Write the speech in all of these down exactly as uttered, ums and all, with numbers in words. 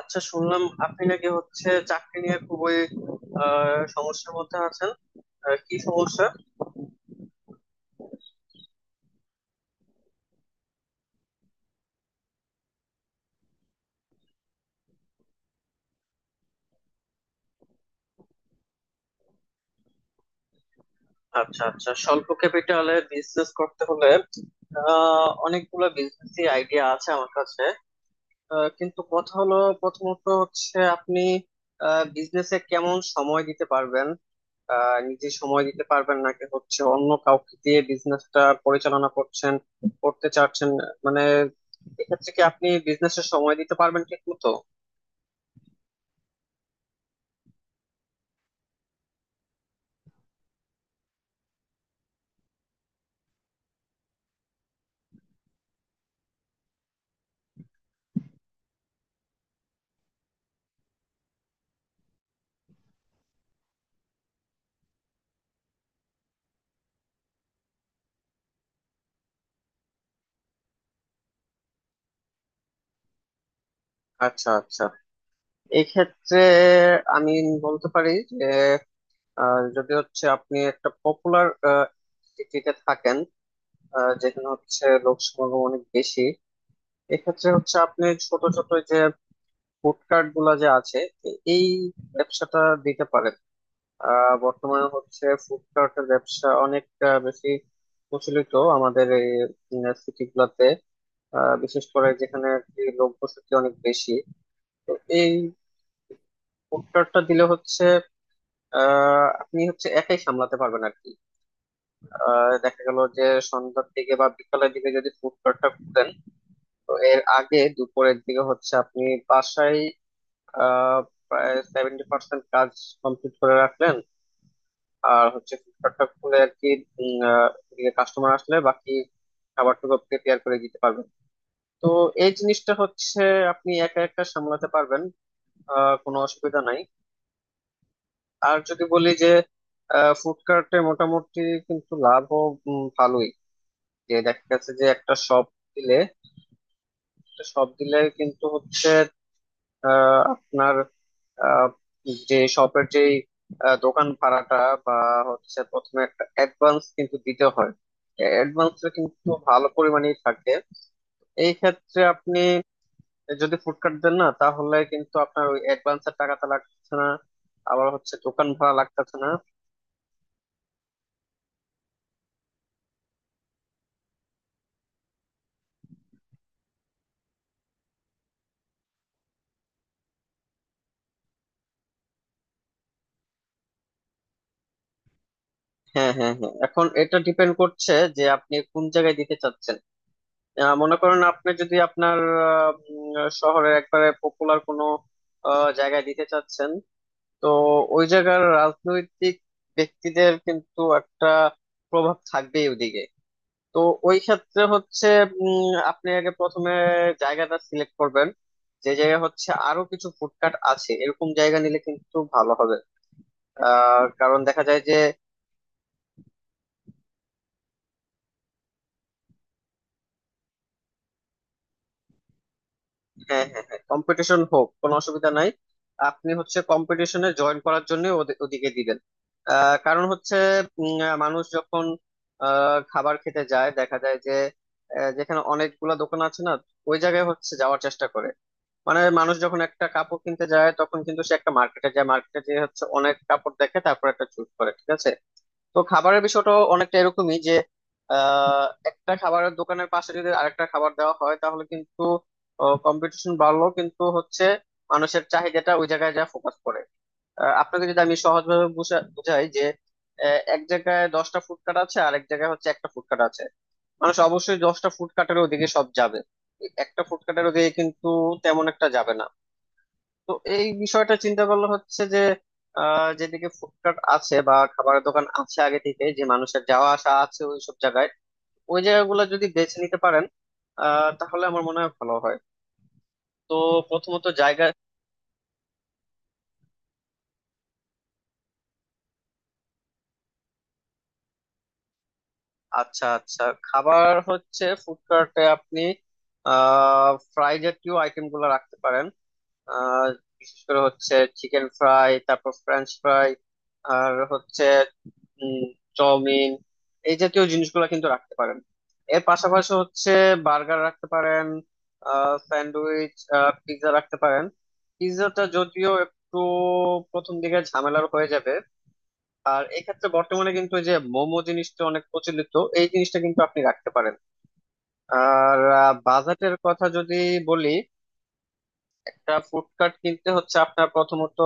আচ্ছা শুনলাম আপনি নাকি হচ্ছে চাকরি নিয়ে খুবই আহ, সমস্যার মধ্যে আছেন। আহ, কি সমস্যা? আচ্ছা আচ্ছা, স্বল্প ক্যাপিটালে বিজনেস করতে হলে আহ, অনেকগুলো বিজনেস আইডিয়া আছে আমার কাছে। আহ, কিন্তু কথা হলো প্রথমত হচ্ছে আপনি বিজনেসে কেমন সময় দিতে পারবেন। আহ, নিজে সময় দিতে পারবেন নাকি হচ্ছে অন্য কাউকে দিয়ে বিজনেসটা পরিচালনা করছেন করতে চাচ্ছেন? মানে এক্ষেত্রে কি আপনি বিজনেসে সময় দিতে পারবেন ঠিক মতো? আচ্ছা আচ্ছা, এক্ষেত্রে আমি বলতে পারি যে আহ, যদি হচ্ছে আপনি একটা পপুলার সিটিতে থাকেন, আহ, যেখানে হচ্ছে লোক সমাগম অনেক বেশি, এক্ষেত্রে হচ্ছে আপনি ছোট ছোট যে ফুড কার্ট গুলা যে আছে এ- এই ব্যবসাটা দিতে পারেন। আহ, বর্তমানে হচ্ছে ফুড কার্টের ব্যবসা অনেক আহ, বেশি প্রচলিত আমাদের এই সিটি গুলাতে, আহ, বিশেষ করে যেখানে আর কি লোক বসতি অনেক বেশি। তো এই ফুড কার্টটা দিলে হচ্ছে আহ, আপনি হচ্ছে একাই সামলাতে পারবেন আর কি। আহ, দেখা গেল যে সন্ধ্যার দিকে বা বিকালের দিকে যদি ফুড কোর্টটা খুলেন, তো এর আগে দুপুরের দিকে হচ্ছে আপনি বাসায় আহ, প্রায় সেভেন্টি পার্সেন্ট কাজ কমপ্লিট করে রাখলেন। আর হচ্ছে ফুড কোর্টটা খুলে আর কি কাস্টমার আসলে বাকি খাবারটুকু প্রিপেয়ার করে দিতে পারবেন। তো এই জিনিসটা হচ্ছে আপনি একা একা সামলাতে পারবেন, আহ, কোনো অসুবিধা নাই। আর যদি বলি যে ফুড কার্টে মোটামুটি কিন্তু লাভও উম, ভালোই, যে দেখা গেছে যে একটা শপ দিলে, একটা শপ দিলে কিন্তু হচ্ছে আহ, আপনার আহ, যে শপের যে দোকান ভাড়াটা বা হচ্ছে প্রথমে একটা অ্যাডভান্স কিন্তু দিতে হয়। অ্যাডভান্সটা কিন্তু ভালো পরিমাণেই থাকে। এই ক্ষেত্রে আপনি যদি ফুড কার্ট দেন না তাহলে কিন্তু আপনার ওই অ্যাডভান্সের টাকাটা লাগছে না, আবার হচ্ছে দোকান ভাড়া লাগতেছে না। হ্যাঁ হ্যাঁ হ্যাঁ, এখন এটা ডিপেন্ড করছে যে আপনি কোন জায়গায় দিতে চাচ্ছেন। আহ, মনে করেন আপনি যদি আপনার আহ, উম, শহরের একবারে পপুলার কোনো আহ, জায়গায় দিতে চাচ্ছেন, তো ওই জায়গার রাজনৈতিক ব্যক্তিদের কিন্তু একটা প্রভাব থাকবেই ওদিকে। তো ওই ক্ষেত্রে হচ্ছে উম, আপনি আগে প্রথমে জায়গাটা সিলেক্ট করবেন। যে জায়গা হচ্ছে আরো কিছু ফুডকার্ট আছে এরকম জায়গা নিলে কিন্তু ভালো হবে। আহ কারণ দেখা যায় যে হ্যাঁ হ্যাঁ হ্যাঁ, কম্পিটিশন হোক কোনো অসুবিধা নাই। আপনি হচ্ছে কম্পিটিশনে জয়েন করার জন্য ওদে- ওদিকে দিবেন। আহ, কারণ হচ্ছে উম, আহ, মানুষ যখন আহ, খাবার খেতে যায় দেখা যায় যে আহ, যেখানে অনেকগুলা দোকান আছে না, ওই জায়গায় হচ্ছে যাওয়ার চেষ্টা করে। মানে মানুষ যখন একটা কাপড় কিনতে যায় তখন কিন্তু সে একটা মার্কেটে যায়, মার্কেটে যেয়ে হচ্ছে অনেক কাপড় দেখে তারপর একটা চুজ করে ঠিক আছে। তো খাবারের বিষয়টা অনেকটা এরকমই যে আহ, একটা খাবারের দোকানের পাশে যদি আরেকটা খাবার দেওয়া হয় তাহলে কিন্তু কম্পিটিশন বাড়লো কিন্তু হচ্ছে মানুষের চাহিদাটা ওই জায়গায় যা ফোকাস করে। আহ, আপনাকে যদি আমি সহজভাবে বুঝা- বুঝাই যে আহ, এক জায়গায় দশটা ফুড কার্ট আছে আর এক জায়গায় হচ্ছে একটা ফুড কার্ট আছে, মানুষ অবশ্যই দশটা ফুড কার্টের ওদিকে সব যাবে, একটা ফুড কার্টের ওদিকে কিন্তু তেমন একটা যাবে না। তো এই বিষয়টা চিন্তা করলে হচ্ছে যে আহ, যেদিকে ফুডকার্ট আছে বা খাবারের দোকান আছে আগে থেকে, যে মানুষের যাওয়া আসা আছে ওই সব জায়গায়, ওই জায়গাগুলো যদি বেছে নিতে পারেন আহ, তাহলে আমার মনে হয় ভালো হয়। তো প্রথমত জায়গা। আচ্ছা আচ্ছা, খাবার হচ্ছে ফুডকার্টে আপনি আহ ফ্রাই জাতীয় আইটেম গুলো রাখতে পারেন। আহ বিশেষ করে হচ্ছে চিকেন ফ্রাই তারপর ফ্রেঞ্চ ফ্রাই আর হচ্ছে উম, চাউমিন, এই জাতীয় জিনিসগুলো কিন্তু রাখতে পারেন। এর পাশাপাশি হচ্ছে বার্গার রাখতে পারেন, স্যান্ডউইচ, পিৎজা রাখতে পারেন। পিৎজাটা যদিও একটু প্রথম দিকে ঝামেলার হয়ে যাবে। আর এক্ষেত্রে বর্তমানে কিন্তু এই যে মোমো জিনিসটা অনেক প্রচলিত, এই জিনিসটা কিন্তু আপনি রাখতে পারেন। আর আহ, বাজেটের কথা যদি বলি, একটা ফুড কার্ট কিনতে হচ্ছে আপনার প্রথমত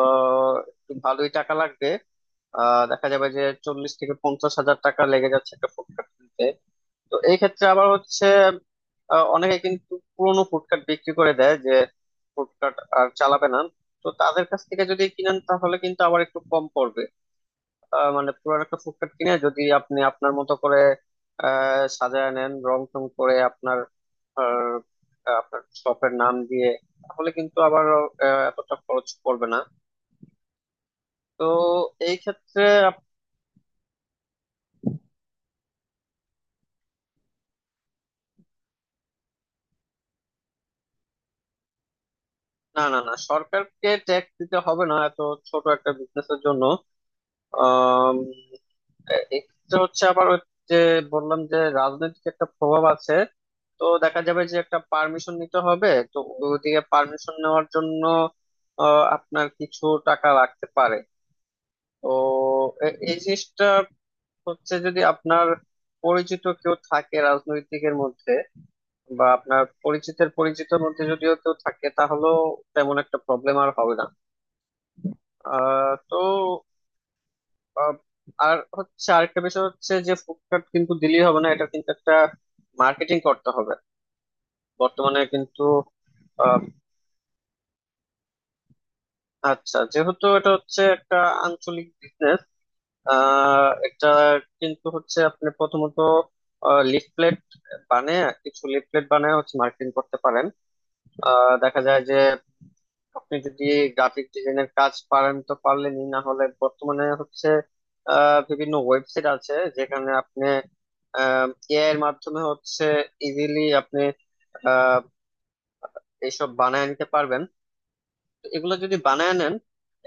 আহ, একটু ভালোই টাকা লাগবে। আহ দেখা যাবে যে চল্লিশ থেকে পঞ্চাশ হাজার টাকা লেগে যাচ্ছে একটা ফুডকার্ট কিনতে। তো এই ক্ষেত্রে আবার হচ্ছে আহ, অনেকে কিন্তু পুরোনো ফুডকার্ট বিক্রি করে দেয় যে ফুডকার্ট আর চালাবে না। তো তাদের কাছ থেকে যদি কিনেন তাহলে কিন্তু আবার একটু কম পড়বে। আহ, মানে পুরান একটা ফুডকার্ট কিনে যদি আপনি আপনার মতো করে আহ সাজায় নেন রং টং করে আপনার আহ, আপনার শপের নাম দিয়ে, তাহলে কিন্তু আবার আহ, এতটা খরচ পড়বে না। তো এই ক্ষেত্রে। না না না, সরকারকে ট্যাক্স দিতে হবে না এত ছোট একটা বিজনেসের জন্য। আম, এ- এটা হচ্ছে আবার ওই যে বললাম যে রাজনৈতিক একটা প্রভাব আছে, তো দেখা যাবে যে একটা পারমিশন নিতে হবে। তো ওদিকে পারমিশন নেওয়ার জন্য আহ, আপনার কিছু টাকা লাগতে পারে। তো এ- এই জিনিসটা হচ্ছে যদি আপনার পরিচিত কেউ থাকে রাজনৈতিকের মধ্যে বা আপনার পরিচিতের পরিচিতের মধ্যে যদিও কেউ থাকে, তাহলেও তেমন একটা প্রবলেম আর হবে না। আহ তো আহ, আর হচ্ছে আরেকটা বিষয় হচ্ছে যে ফুডকার্ট কিন্তু দিলেই হবে না, এটা কিন্তু একটা মার্কেটিং করতে হবে। বর্তমানে কিন্তু আহ, আচ্ছা যেহেতু এটা হচ্ছে একটা আঞ্চলিক বিজনেস, আহ এটা কিন্তু হচ্ছে আপনি প্রথমত লিফলেট বানিয়ে, কিছু লিফলেট বানিয়ে হচ্ছে মার্কেটিং করতে পারেন। আহ, দেখা যায় যে আপনি যদি গ্রাফিক ডিজাইনের কাজ পারেন তো পারলেনই, না হলে বর্তমানে হচ্ছে আহ, বিভিন্ন ওয়েবসাইট আছে যেখানে আপনি এআই এর মাধ্যমে হচ্ছে ইজিলি আপনি আহ, এইসব বানায় নিতে পারবেন। তো এগুলো যদি বানায় নেন,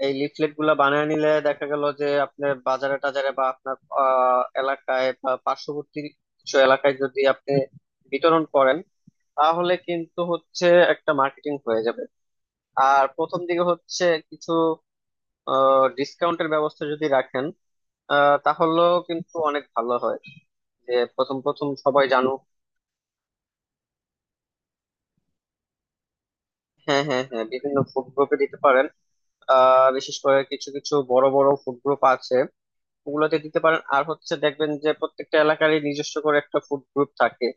এই লিফলেট গুলা বানায় নিলে দেখা গেল যে আপনার বাজারে টাজারে বা আপনার আহ, এলাকায় বা পার্শ্ববর্তী কিছু এলাকায় যদি আপনি বিতরণ করেন তাহলে কিন্তু হচ্ছে একটা মার্কেটিং হয়ে যাবে। আর প্রথম দিকে হচ্ছে কিছু ডিসকাউন্টের ব্যবস্থা যদি রাখেন আহ, তাহলেও কিন্তু অনেক ভালো হয়, যে প্রথম প্রথম সবাই জানুক। হ্যাঁ হ্যাঁ হ্যাঁ, বিভিন্ন ফুড গ্রুপে দিতে পারেন। আহ, বিশেষ করে কিছু কিছু বড় বড় ফুড গ্রুপ আছে ওগুলোতে দিতে পারেন। আর হচ্ছে দেখবেন যে প্রত্যেকটা এলাকারই নিজস্ব করে একটা ফুড গ্রুপ থাকে।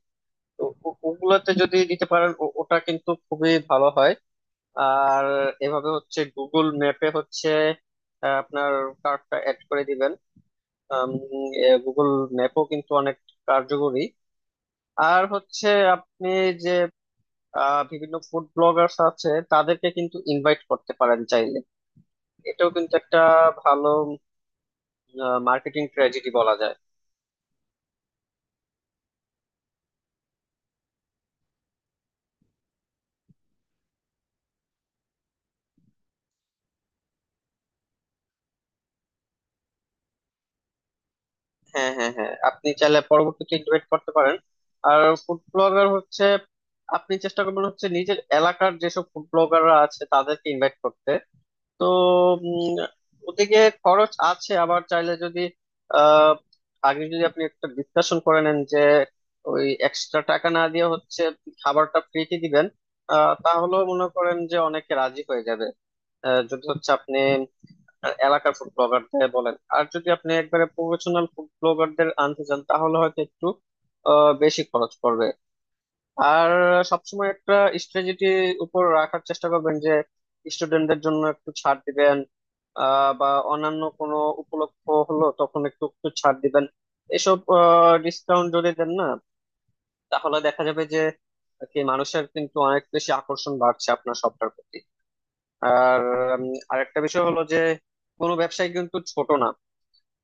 তো ও- ওগুলোতে যদি দিতে পারেন ও- ওটা কিন্তু খুবই ভালো হয়। আর এভাবে হচ্ছে গুগল ম্যাপে হচ্ছে আহ, আপনার কার্ডটা অ্যাড করে দিবেন। গুগল ম্যাপও কিন্তু অনেক কার্যকরী। আর হচ্ছে আপনি যে আহ, বিভিন্ন ফুড ব্লগার্স আছে তাদেরকে কিন্তু ইনভাইট করতে পারেন চাইলে, এটাও কিন্তু একটা ভালো মার্কেটিং ট্র্যাজেডি বলা যায়। হ্যাঁ হ্যাঁ হ্যাঁ, আপনি চাইলে পরবর্তীতে ইনভাইট করতে পারেন। আর ফুড ব্লগার হচ্ছে আপনি চেষ্টা করবেন হচ্ছে নিজের এলাকার যেসব ফুড ব্লগাররা আছে তাদেরকে ইনভাইট করতে। তো উম, ওদিকে খরচ আছে আবার চাইলে যদি আহ আগে যদি আপনি একটা ডিসকাশন করে নেন যে ওই এক্সট্রা টাকা না দিয়ে হচ্ছে খাবারটা ফ্রিতে দিবেন, আহ তাহলেও মনে করেন যে অনেকে রাজি হয়ে যাবে। আহ, যদি হচ্ছে আপনি এলাকার ফুড ব্লগারদের বলেন। আর যদি আপনি একবারে প্রফেশনাল ফুড ব্লগারদের আনতে চান তাহলে হয়তো একটু আহ বেশি খরচ পড়বে। আর সবসময় একটা স্ট্র্যাটেজি উপর রাখার চেষ্টা করবেন যে স্টুডেন্টদের জন্য একটু ছাড় দিবেন, আহ, বা অন্যান্য কোনো উপলক্ষ হলো তখন একটু একটু ছাড় দিবেন। এসব ডিসকাউন্ট যদি দেন না তাহলে দেখা যাবে যে কি মানুষের কিন্তু অনেক বেশি আকর্ষণ বাড়ছে আপনার সবটার প্রতি। আর উম, আরেকটা বিষয় হলো যে কোনো ব্যবসায় কিন্তু ছোট না।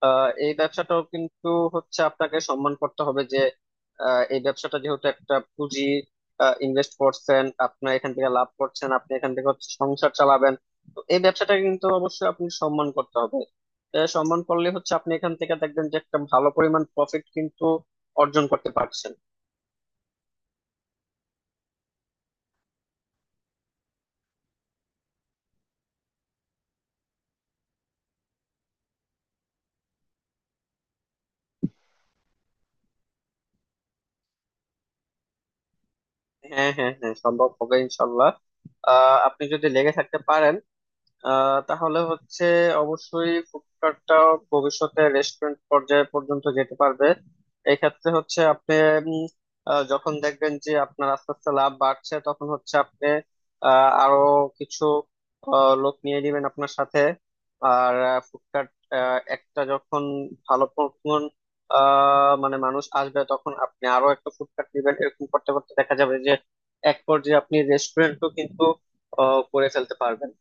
আহ এই ব্যবসাটাও কিন্তু হচ্ছে আপনাকে সম্মান করতে হবে যে আহ, এই ব্যবসাটা যেহেতু একটা পুঁজি ইনভেস্ট করছেন আপনি, এখান থেকে লাভ করছেন আপনি, এখান থেকে হচ্ছে সংসার চালাবেন। তো এই ব্যবসাটাকে কিন্তু অবশ্যই আপনি সম্মান করতে হবে। এ, সম্মান করলে হচ্ছে আপনি এখান থেকে দেখবেন যে একটা ভালো পরিমাণ প্রফিট কিন্তু অর্জন করতে পারছেন। হ্যাঁ হ্যাঁ হ্যাঁ, সম্ভব হবে ইনশাল্লাহ। আহ আপনি যদি লেগে থাকতে পারেন আহ তাহলে হচ্ছে অবশ্যই ফুডকার্টটা ভবিষ্যতে রেস্টুরেন্ট পর্যায়ে পর্যন্ত যেতে পারবে। এক্ষেত্রে হচ্ছে আপনি উম, আহ, যখন দেখবেন যে আপনার আস্তে আস্তে লাভ বাড়ছে তখন হচ্ছে আপনি আহ, আরো কিছু আহ, লোক নিয়ে নেবেন আপনার সাথে। আর ফুডকার্ট একটা যখন ভালো পরিমাণ আহ মানে মানুষ আসবে তখন আপনি আরো একটা ফুডকার্ট নেবেন, এরকম করতে করতে দেখা যাবে যে এক পর্যায়ে আপনি রেস্টুরেন্টও কিন্তু আহ, করে ফেলতে পারবেন।